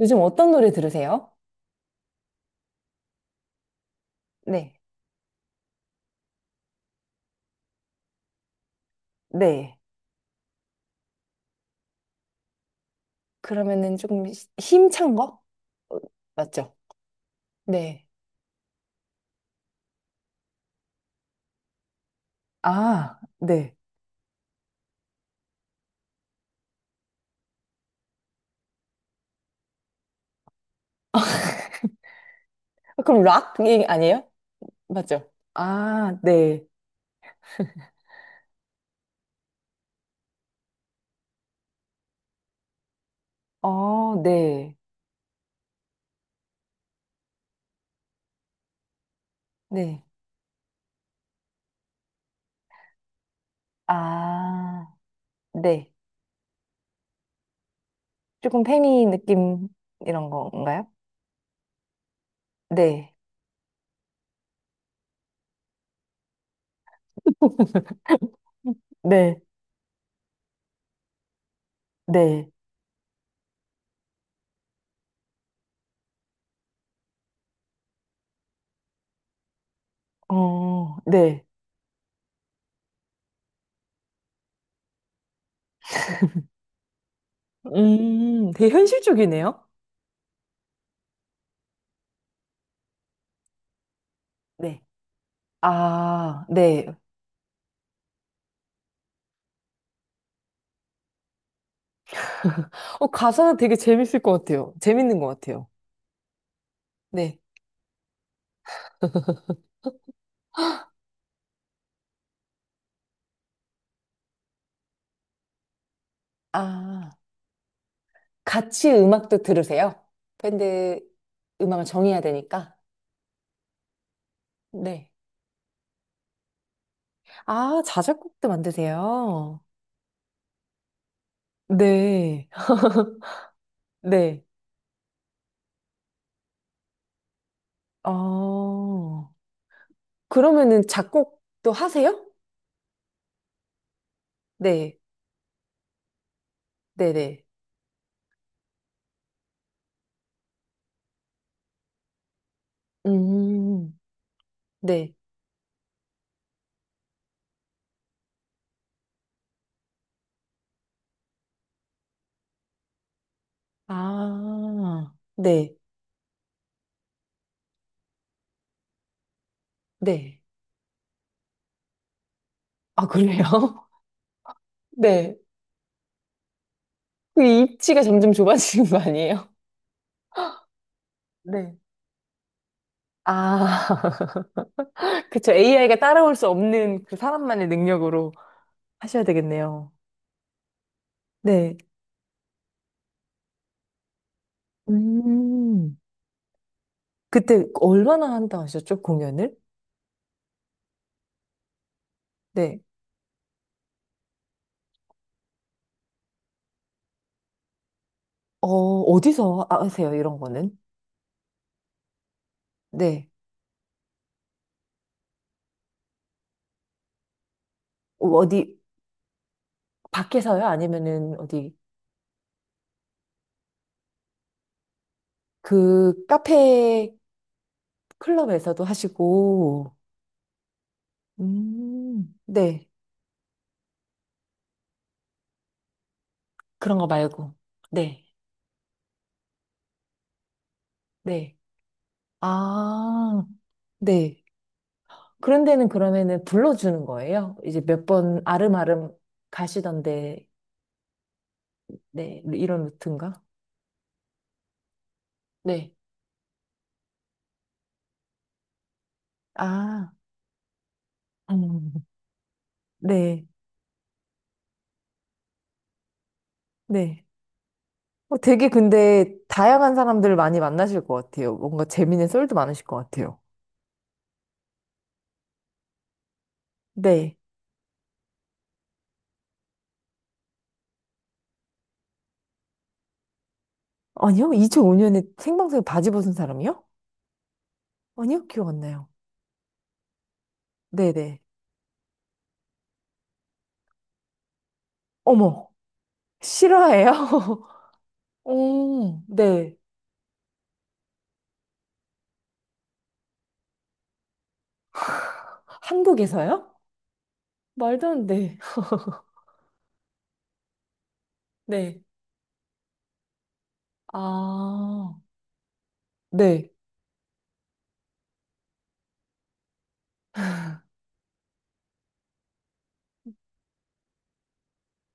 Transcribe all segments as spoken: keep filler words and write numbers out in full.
요즘 어떤 노래 들으세요? 네. 네. 그러면은 조금 시- 힘찬 거? 어, 맞죠? 네. 아, 네. 아, 그럼 락이 아니에요? 맞죠? 아, 네. 어, 네. 네. 아, 네. 조금 페미 느낌 이런 건가요? 네. 네. 네. 어, 네. 음, 되게 현실적이네요. 네. 아, 네. 어, 가사 되게 재밌을 것 같아요. 재밌는 것 같아요. 네. 아, 같이 음악도 들으세요? 밴드 음악을 정해야 되니까. 네. 아, 자작곡도 만드세요? 네. 네. 어, 그러면은 작곡도 하세요? 네. 네네. 음, 네. 아, 네. 네. 아, 그래요? 네. 그 입지가 점점 좁아지는 거 아니에요? 네. 아, 그쵸. 에이아이가 따라올 수 없는 그 사람만의 능력으로 하셔야 되겠네요. 네. 음. 그때 얼마나 한다 하셨죠? 공연을? 네. 어, 어디서 아- 하세요? 이런 거는? 네. 어, 어디, 밖에서요? 아니면은 어디, 그 카페 클럽에서도 하시고, 음. 네. 그런 거 말고. 네. 네. 아, 네. 그런 데는 그러면은 불러주는 거예요? 이제 몇 번 아름아름 가시던데, 네, 이런 루트인가? 네. 아, 음. 네, 네. 어, 되게 근데 다양한 사람들을 많이 만나실 것 같아요. 뭔가 재밌는 썰도 많으실 것 같아요. 네. 아니요? 이천오 년에 생방송에 바지 벗은 사람이요? 아니요? 기억 안 나요. 네네. 어머, 실화예요? 오, 네. 한국에서요? 말도 안 돼. 네. 아, 네.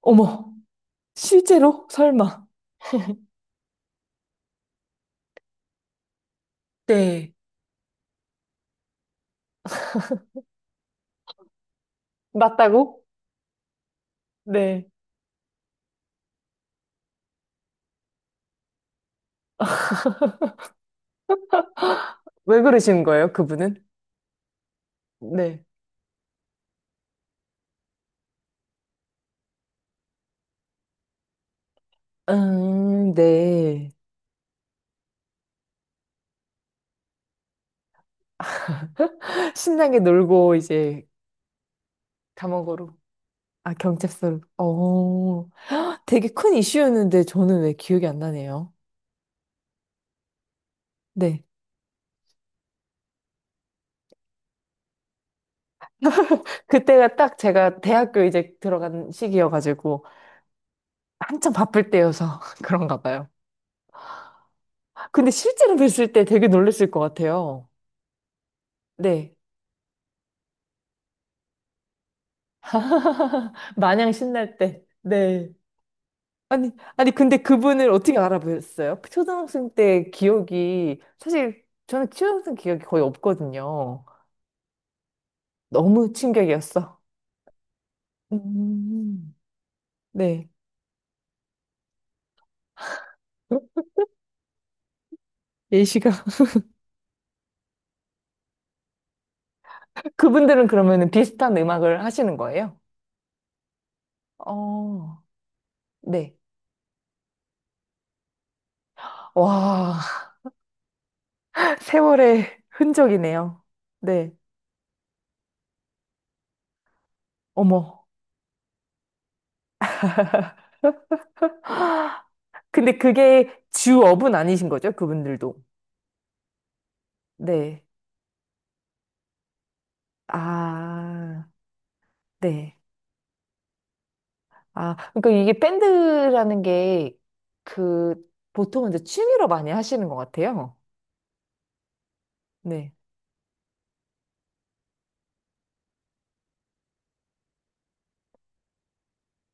어머, 실제로? 설마. 네. 맞다고? 네. 왜 그러시는 거예요, 그분은? 네. 음, 네. 신나게 놀고, 이제, 감옥으로. 아, 경찰서로. 어, 되게 큰 이슈였는데 저는 왜 기억이 안 나네요. 네. 그때가 딱 제가 대학교 이제 들어간 시기여가지고, 한참 바쁠 때여서 그런가 봐요. 근데 실제로 뵀을 때 되게 놀랬을 것 같아요. 네. 마냥 신날 때. 네. 아니, 아니, 근데 그분을 어떻게 알아보셨어요? 초등학생 때 기억이, 사실 저는 초등학생 기억이 거의 없거든요. 너무 충격이었어. 음. 네. 예시가. 그분들은 그러면 비슷한 음악을 하시는 거예요? 어, 네. 와, 세월의 흔적이네요. 네. 어머. 근데 그게 주업은 아니신 거죠? 그분들도. 네. 아, 네. 아, 그러니까 이게 밴드라는 게 그 보통은 이제 취미로 많이 하시는 것 같아요. 네.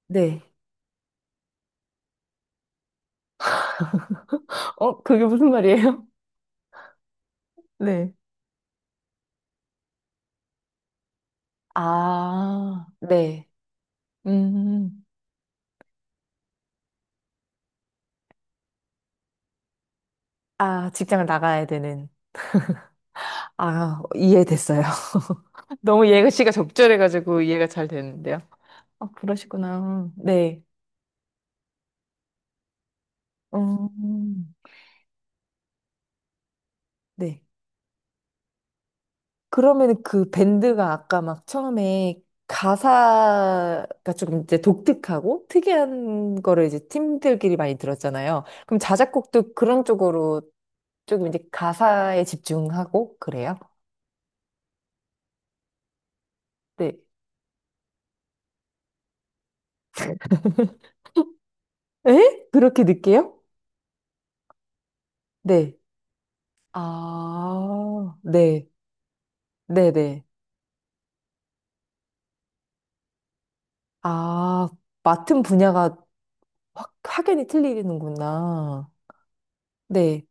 네. 어, 그게 무슨 말이에요? 네. 아, 네. 음. 아, 직장을 나가야 되는. 아, 이해됐어요. 너무 예시가 적절해가지고 이해가 잘 되는데요. 아, 그러시구나. 네. 음. 네. 그러면 그 밴드가 아까 막 처음에 가사가 조금 이제 독특하고 특이한 거를 이제 팀들끼리 많이 들었잖아요. 그럼 자작곡도 그런 쪽으로 조금 이제 가사에 집중하고 그래요? 네. 에? 그렇게 느껴요? 네. 아, 네. 네네. 아, 맡은 분야가 확, 확연히 틀리는구나. 네.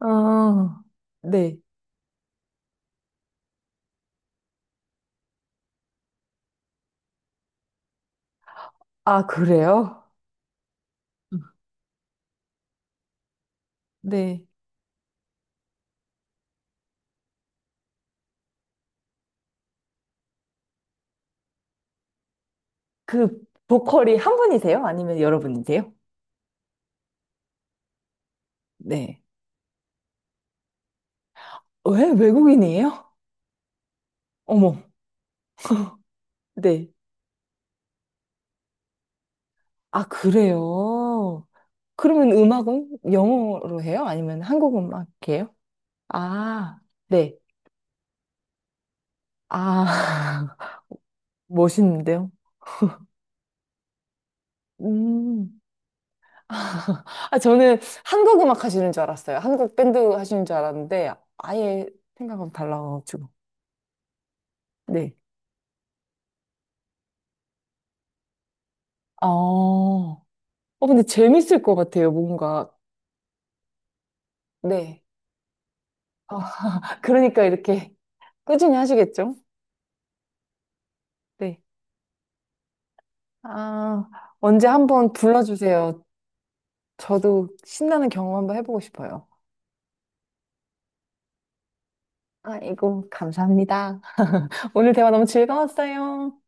아, 네. 아, 그래요? 네. 그 보컬이 한 분이세요? 아니면 여러분이세요? 네. 왜? 외국인이에요? 어머, 네. 아, 그래요? 그러면 음악은 영어로 해요? 아니면 한국 음악이에요? 아, 네. 아, 멋있는데요? 음. 아, 저는 한국 음악 하시는 줄 알았어요. 한국 밴드 하시는 줄 알았는데, 아예 생각하고 달라가지고. 네. 아, 어, 근데 재밌을 것 같아요, 뭔가. 네. 어, 그러니까 이렇게 꾸준히 하시겠죠? 네. 아, 언제 한번 불러주세요. 저도 신나는 경험 한번 해보고 싶어요. 아이고, 감사합니다. 오늘 대화 너무 즐거웠어요.